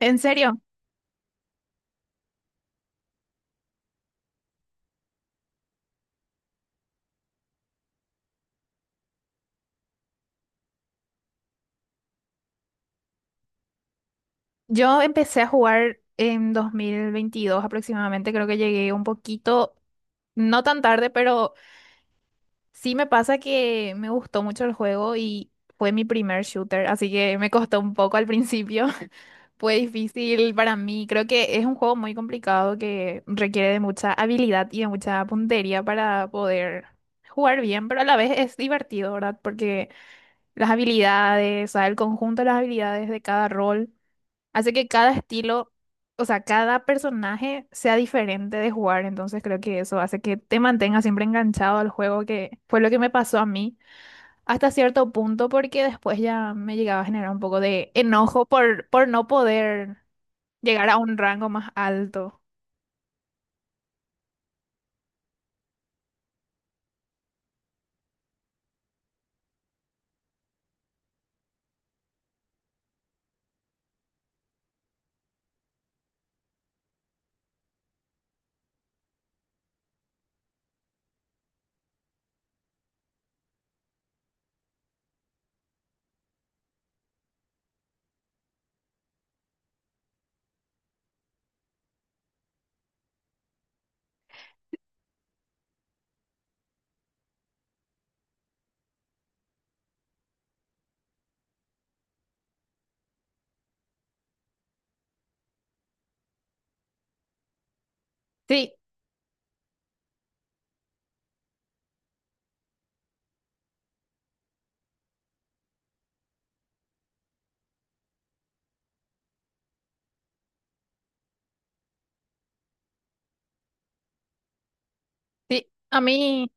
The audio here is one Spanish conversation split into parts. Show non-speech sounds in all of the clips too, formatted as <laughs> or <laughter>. En serio, yo empecé a jugar en 2022 aproximadamente, creo que llegué un poquito, no tan tarde, pero sí me pasa que me gustó mucho el juego y fue mi primer shooter, así que me costó un poco al principio, <laughs> fue difícil para mí. Creo que es un juego muy complicado que requiere de mucha habilidad y de mucha puntería para poder jugar bien, pero a la vez es divertido, ¿verdad? Porque las habilidades, o sea, el conjunto de las habilidades de cada rol. Hace que cada estilo, o sea, cada personaje sea diferente de jugar, entonces creo que eso hace que te mantengas siempre enganchado al juego, que fue lo que me pasó a mí hasta cierto punto, porque después ya me llegaba a generar un poco de enojo por no poder llegar a un rango más alto. Sí, sí, a mí,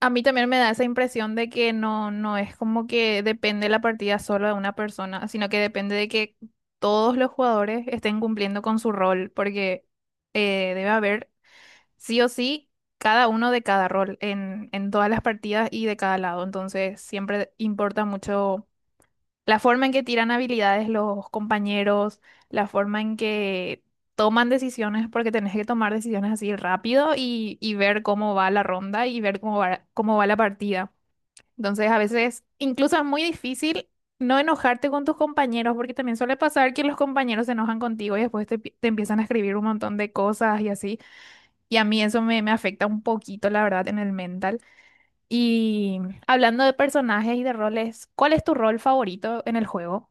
a mí también me da esa impresión de que no, no es como que depende la partida solo de una persona, sino que depende de que todos los jugadores estén cumpliendo con su rol, porque debe haber sí o sí cada uno de cada rol en todas las partidas y de cada lado. Entonces, siempre importa mucho. La forma en que tiran habilidades los compañeros, la forma en que toman decisiones, porque tenés que tomar decisiones así rápido y ver cómo va la ronda y ver cómo va la partida. Entonces, a veces incluso es muy difícil no enojarte con tus compañeros, porque también suele pasar que los compañeros se enojan contigo y después te, pi- te empiezan a escribir un montón de cosas y así. Y a mí eso me, me afecta un poquito, la verdad, en el mental. Y hablando de personajes y de roles, ¿cuál es tu rol favorito en el juego?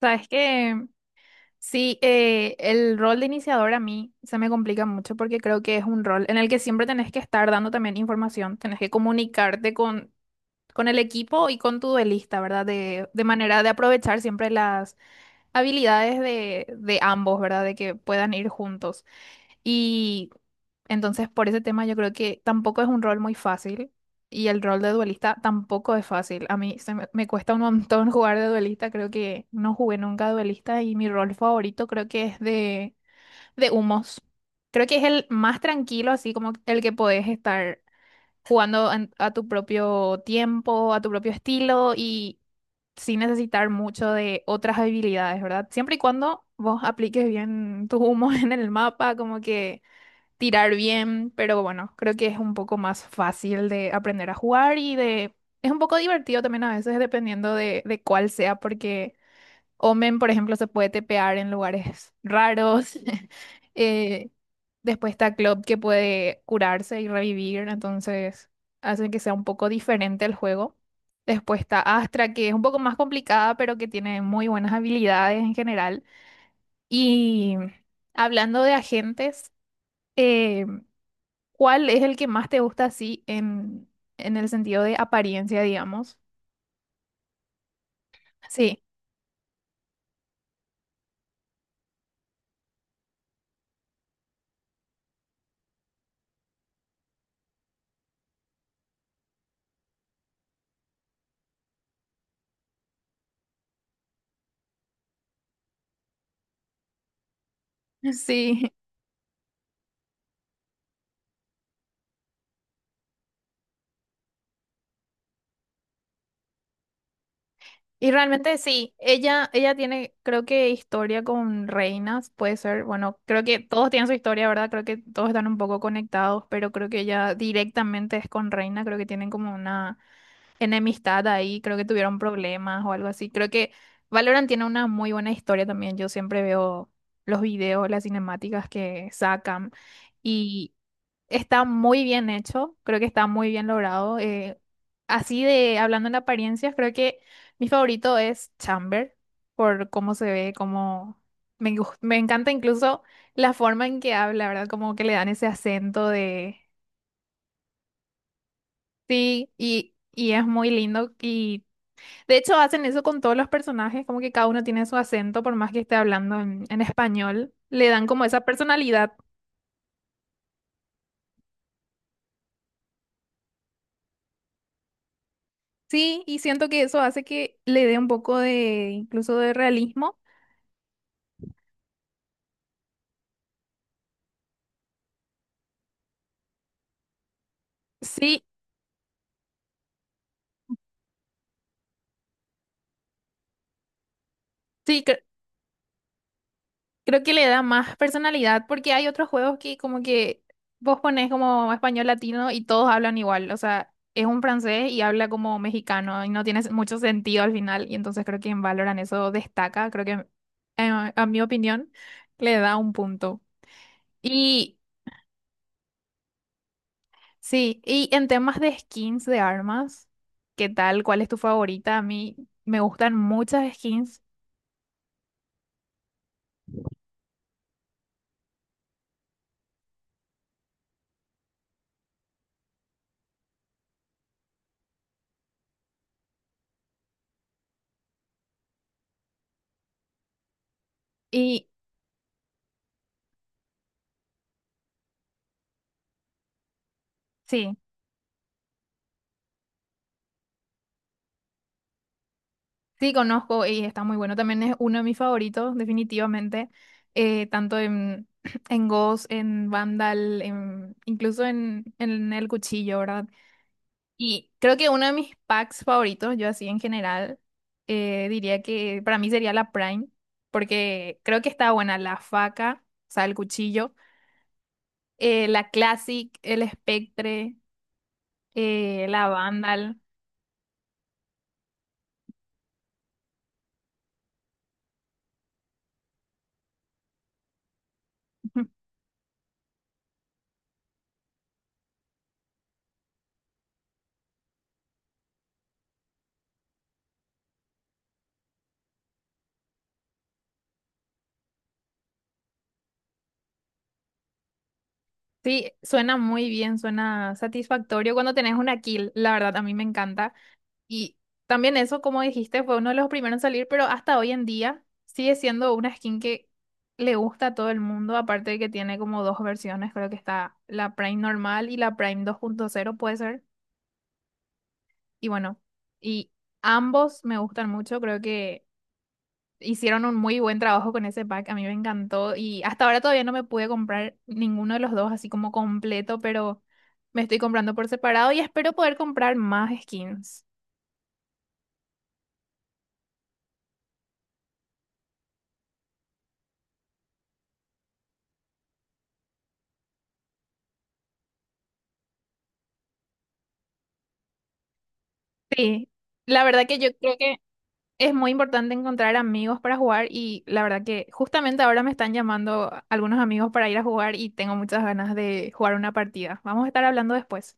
Sabes que sí, el rol de iniciador a mí se me complica mucho porque creo que es un rol en el que siempre tenés que estar dando también información, tenés que comunicarte con el equipo y con tu duelista, ¿verdad? De manera de aprovechar siempre las habilidades de ambos, ¿verdad? De que puedan ir juntos. Y entonces por ese tema yo creo que tampoco es un rol muy fácil y el rol de duelista tampoco es fácil. A mí se me, me cuesta un montón <laughs> jugar de duelista, creo que no jugué nunca duelista y mi rol favorito creo que es de humos. Creo que es el más tranquilo, así como el que podés estar jugando en- a tu propio tiempo, a tu propio estilo y sin necesitar mucho de otras habilidades, ¿verdad? Siempre y cuando vos apliques bien tus humos <laughs> en el mapa, como que tirar bien, pero bueno, creo que es un poco más fácil de aprender a jugar y de... Es un poco divertido también a veces dependiendo de cuál sea, porque Omen, por ejemplo, se puede tepear en lugares raros. <laughs> Eh, Después está Club que puede curarse y revivir, entonces hace que sea un poco diferente el juego. Después está Astra, que es un poco más complicada, pero que tiene muy buenas habilidades en general. Y hablando de agentes... eh, ¿Cuál es el que más te gusta así en el sentido de apariencia, digamos? Sí, <laughs> sí. Y realmente sí, ella tiene, creo que historia con reinas, puede ser, bueno, creo que todos tienen su historia, ¿verdad? Creo que todos están un poco conectados, pero creo que ella directamente es con reina, creo que tienen como una enemistad ahí, creo que tuvieron problemas o algo así. Creo que Valorant tiene una muy buena historia también, yo siempre veo los videos, las cinemáticas que sacan. Y está muy bien hecho, creo que está muy bien logrado. Así de hablando en apariencias, creo que mi favorito es Chamber, por cómo se ve, cómo me, gus- me encanta incluso la forma en que habla, ¿verdad? Como que le dan ese acento de sí, y es muy lindo. Y de hecho hacen eso con todos los personajes, como que cada uno tiene su acento, por más que esté hablando en español, le dan como esa personalidad. Sí, y siento que eso hace que le dé un poco de, incluso de realismo. Sí, sí, cre- creo que le da más personalidad porque hay otros juegos que como que vos ponés como español latino y todos hablan igual, o sea, es un francés y habla como mexicano y no tiene mucho sentido al final y entonces creo que en Valorant eso destaca, creo que a mi opinión le da un punto. Y sí, y en temas de skins de armas, ¿qué tal? ¿Cuál es tu favorita? A mí me gustan muchas skins y sí. Sí, conozco y está muy bueno. También es uno de mis favoritos, definitivamente. Tanto en, <clears throat> en Ghost, en Vandal, en, incluso en El Cuchillo, ¿verdad? Y creo que uno de mis packs favoritos, yo así en general, diría que para mí sería la Prime, porque creo que está buena la faca, o sea, el cuchillo, la Classic, el Spectre, la Vandal. <laughs> Sí, suena muy bien, suena satisfactorio cuando tenés una kill, la verdad, a mí me encanta. Y también eso, como dijiste, fue uno de los primeros en salir, pero hasta hoy en día sigue siendo una skin que le gusta a todo el mundo, aparte de que tiene como dos versiones, creo que está la Prime normal y la Prime 2.0 puede ser. Y bueno, y ambos me gustan mucho, creo que hicieron un muy buen trabajo con ese pack, a mí me encantó y hasta ahora todavía no me pude comprar ninguno de los dos así como completo, pero me estoy comprando por separado y espero poder comprar más skins. Sí, la verdad que yo creo que es muy importante encontrar amigos para jugar y la verdad que justamente ahora me están llamando algunos amigos para ir a jugar y tengo muchas ganas de jugar una partida. Vamos a estar hablando después.